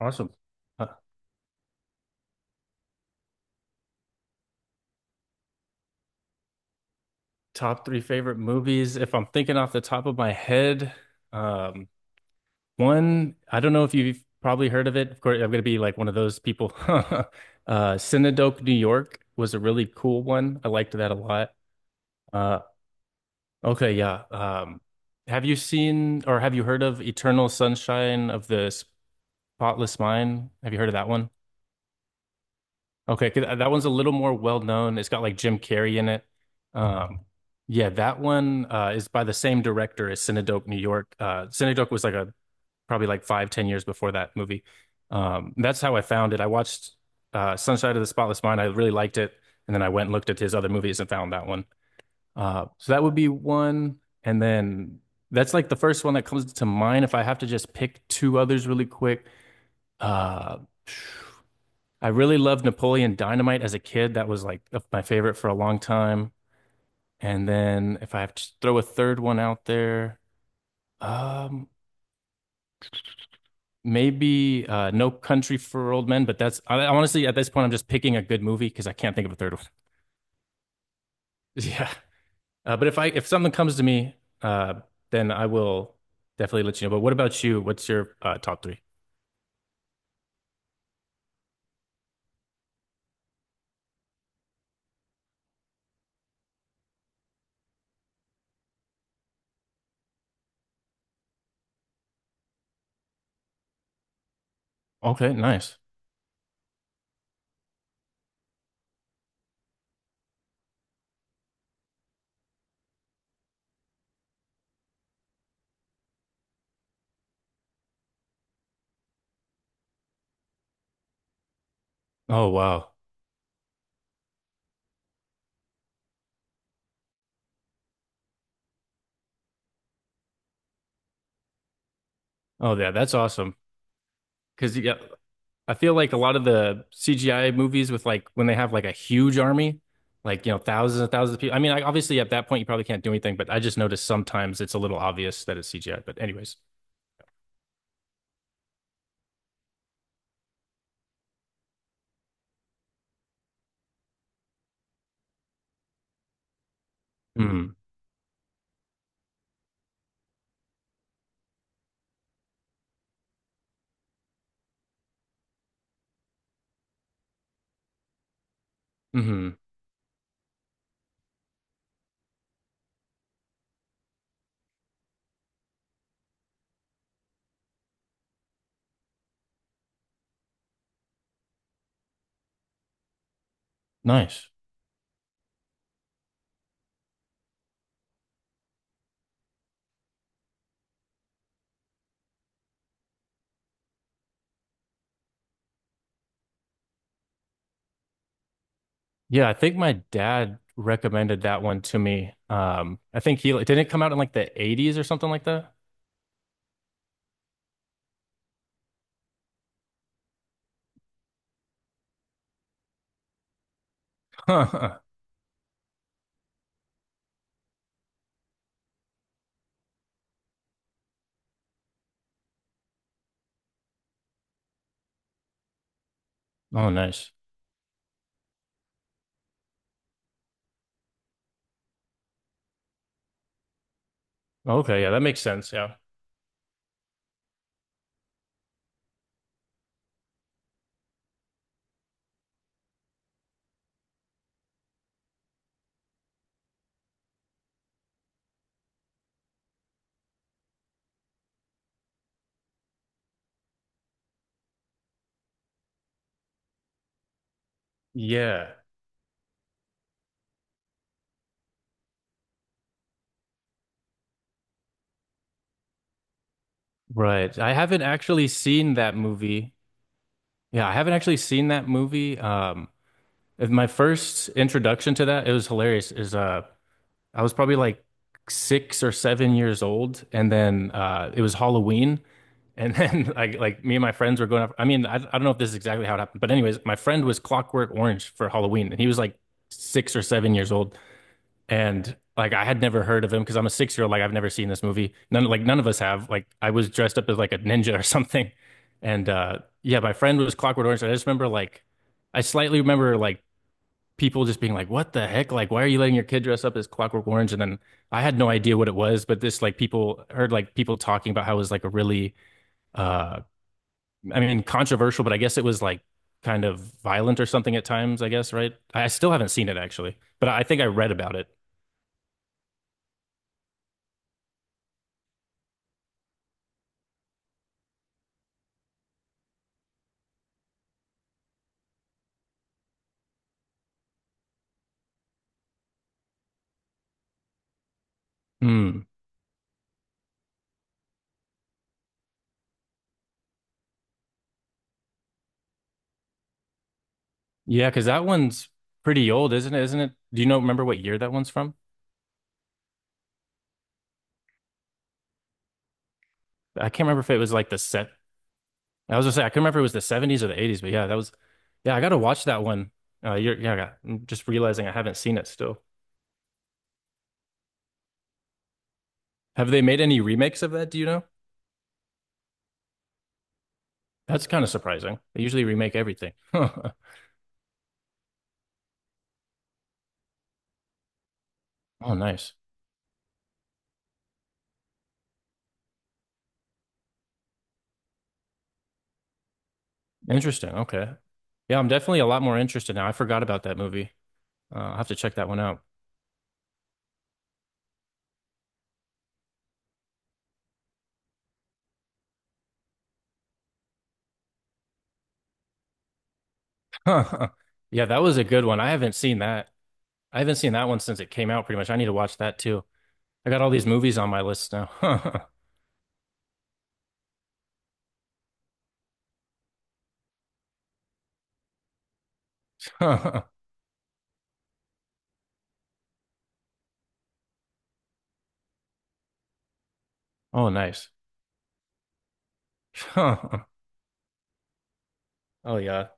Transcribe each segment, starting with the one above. Awesome. Uh, Top three favorite movies. If I'm thinking off the top of my head, um, one, I don't know if you've probably heard of it. Of course, I'm going to be like one of those people. Cinedope, New York was a really cool one. I liked that a lot. Uh, okay, yeah. Have you seen or have you heard of Eternal Sunshine of the Spotless Mind? Have you heard of that one? Okay, 'cause that one's a little more well known. It's got like Jim Carrey in it. Um, yeah, that one is by the same director as Cinedope, New York. Cinedope was like a probably like five, 10 years before that movie. That's how I found it. I watched Sunshine of the Spotless Mind. I really liked it, and then I went and looked at his other movies and found that one. So that would be one, and then that's like the first one that comes to mind. If I have to just pick two others really quick, uh, I really loved Napoleon Dynamite as a kid. That was like my favorite for a long time. And then if I have to throw a third one out there, um, maybe No Country for Old Men. But honestly at this point I'm just picking a good movie because I can't think of a third one. Yeah. But if something comes to me, uh, then I will definitely let you know. But what about you? What's your top three? Okay, nice. Oh wow. Oh yeah, that's awesome. Because yeah, I feel like a lot of the CGI movies with like when they have like a huge army, like you know, thousands and thousands of people. I mean, like, obviously at that point you probably can't do anything, but I just noticed sometimes it's a little obvious that it's CGI. But anyways, hmm. Hmm. Nice. Yeah, I think my dad recommended that one to me. I think he like, didn't it come out in like the 80s or something like that. Huh. Oh, nice. Okay, yeah, that makes sense. Yeah. Yeah, right. I haven't actually seen that movie. Yeah, I haven't actually seen that movie. If my first introduction to that, it was hilarious. Is I was probably like 6 or 7 years old, and then it was Halloween, and then like me and my friends were going up. I mean, I don't know if this is exactly how it happened, but anyways, my friend was Clockwork Orange for Halloween, and he was like 6 or 7 years old, and like I had never heard of him because I'm a 6 year old. Like I've never seen this movie. None of us have. Like I was dressed up as like a ninja or something, and yeah, my friend was Clockwork Orange. And I just remember like I slightly remember like people just being like, "What the heck? Like why are you letting your kid dress up as Clockwork Orange?" And then I had no idea what it was, but this like people heard like people talking about how it was like a really uh I mean controversial, but I guess it was like kind of violent or something at times. I guess right. I still haven't seen it actually, but I think I read about it. Mm. Yeah, because that one's pretty old, isn't it? Isn't it? Do you know remember what year that one's from? I can't remember if it was like the set. I was gonna say I couldn't remember if it was the 70s or the 80s, but yeah, that was. Yeah, I gotta watch that one. Yeah, I'm just realizing I haven't seen it still. Have they made any remakes of that? Do you know? That's kind of surprising. They usually remake everything. Oh, nice. Interesting. Okay. Yeah, I'm definitely a lot more interested now. I forgot about that movie. I'll have to check that one out. Yeah, that was a good one. I haven't seen that. I haven't seen that one since it came out, pretty much. I need to watch that too. I got all these movies on my list now. Oh, nice. Oh yeah.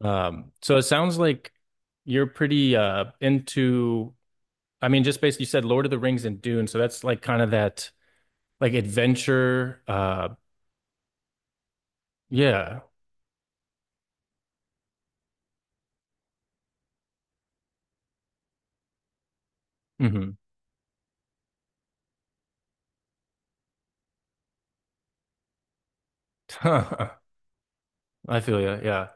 So it sounds like you're pretty into I mean, just basically you said Lord of the Rings and Dune, so that's like kind of that like adventure yeah. Hmm. I feel you, yeah.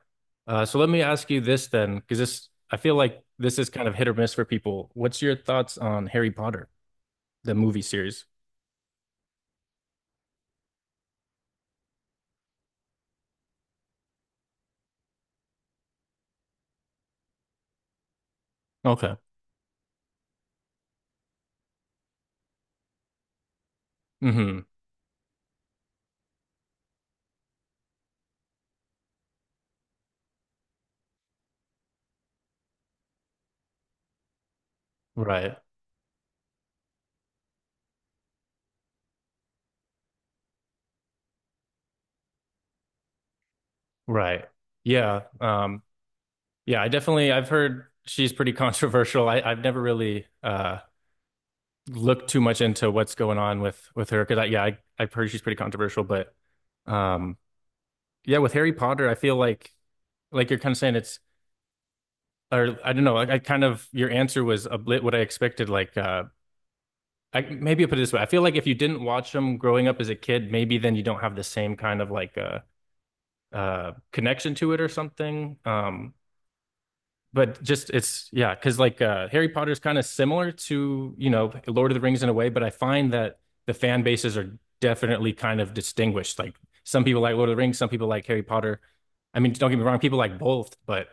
So let me ask you this then, because this I feel like this is kind of hit or miss for people. What's your thoughts on Harry Potter, the movie series? Okay. Hmm. Right. Right. Yeah. Yeah, I definitely I've heard she's pretty controversial. I've never really looked too much into what's going on with her because I yeah, I've heard she's pretty controversial, but um yeah, with Harry Potter, I feel like you're kind of saying it's or I don't know, I kind of your answer was a bit what I expected, like I maybe I put it this way. I feel like if you didn't watch them growing up as a kid, maybe then you don't have the same kind of like connection to it or something. But just it's yeah, because like Harry Potter is kind of similar to you know Lord of the Rings in a way, but I find that the fan bases are definitely kind of distinguished. Like some people like Lord of the Rings, some people like Harry Potter. I mean, don't get me wrong, people like both, but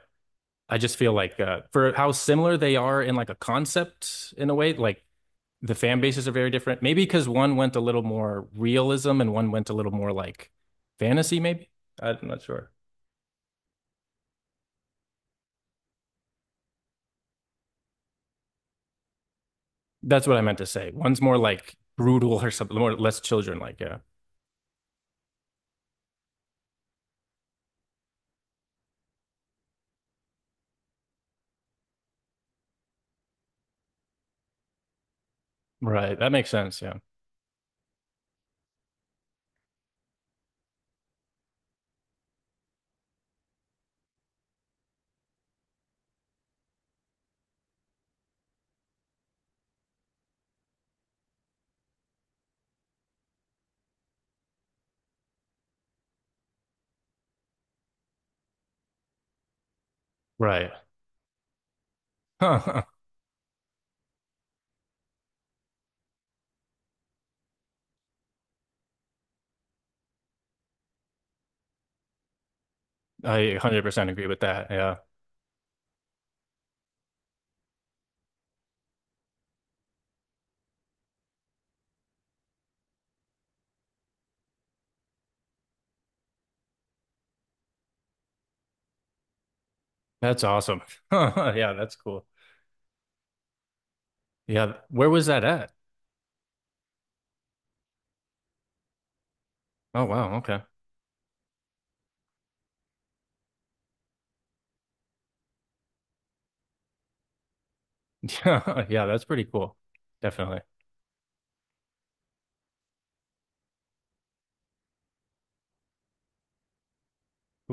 I just feel like for how similar they are in like a concept in a way, like the fan bases are very different. Maybe because one went a little more realism and one went a little more like fantasy. Maybe I'm not sure. That's what I meant to say. One's more like brutal or something, more less children like. Yeah. Right. That makes sense. Yeah. Right. Huh. I 100% agree with that. Yeah. That's awesome. Yeah. That's cool. Yeah. Where was that at? Oh, wow. Okay. Yeah. Yeah. That's pretty cool. Definitely.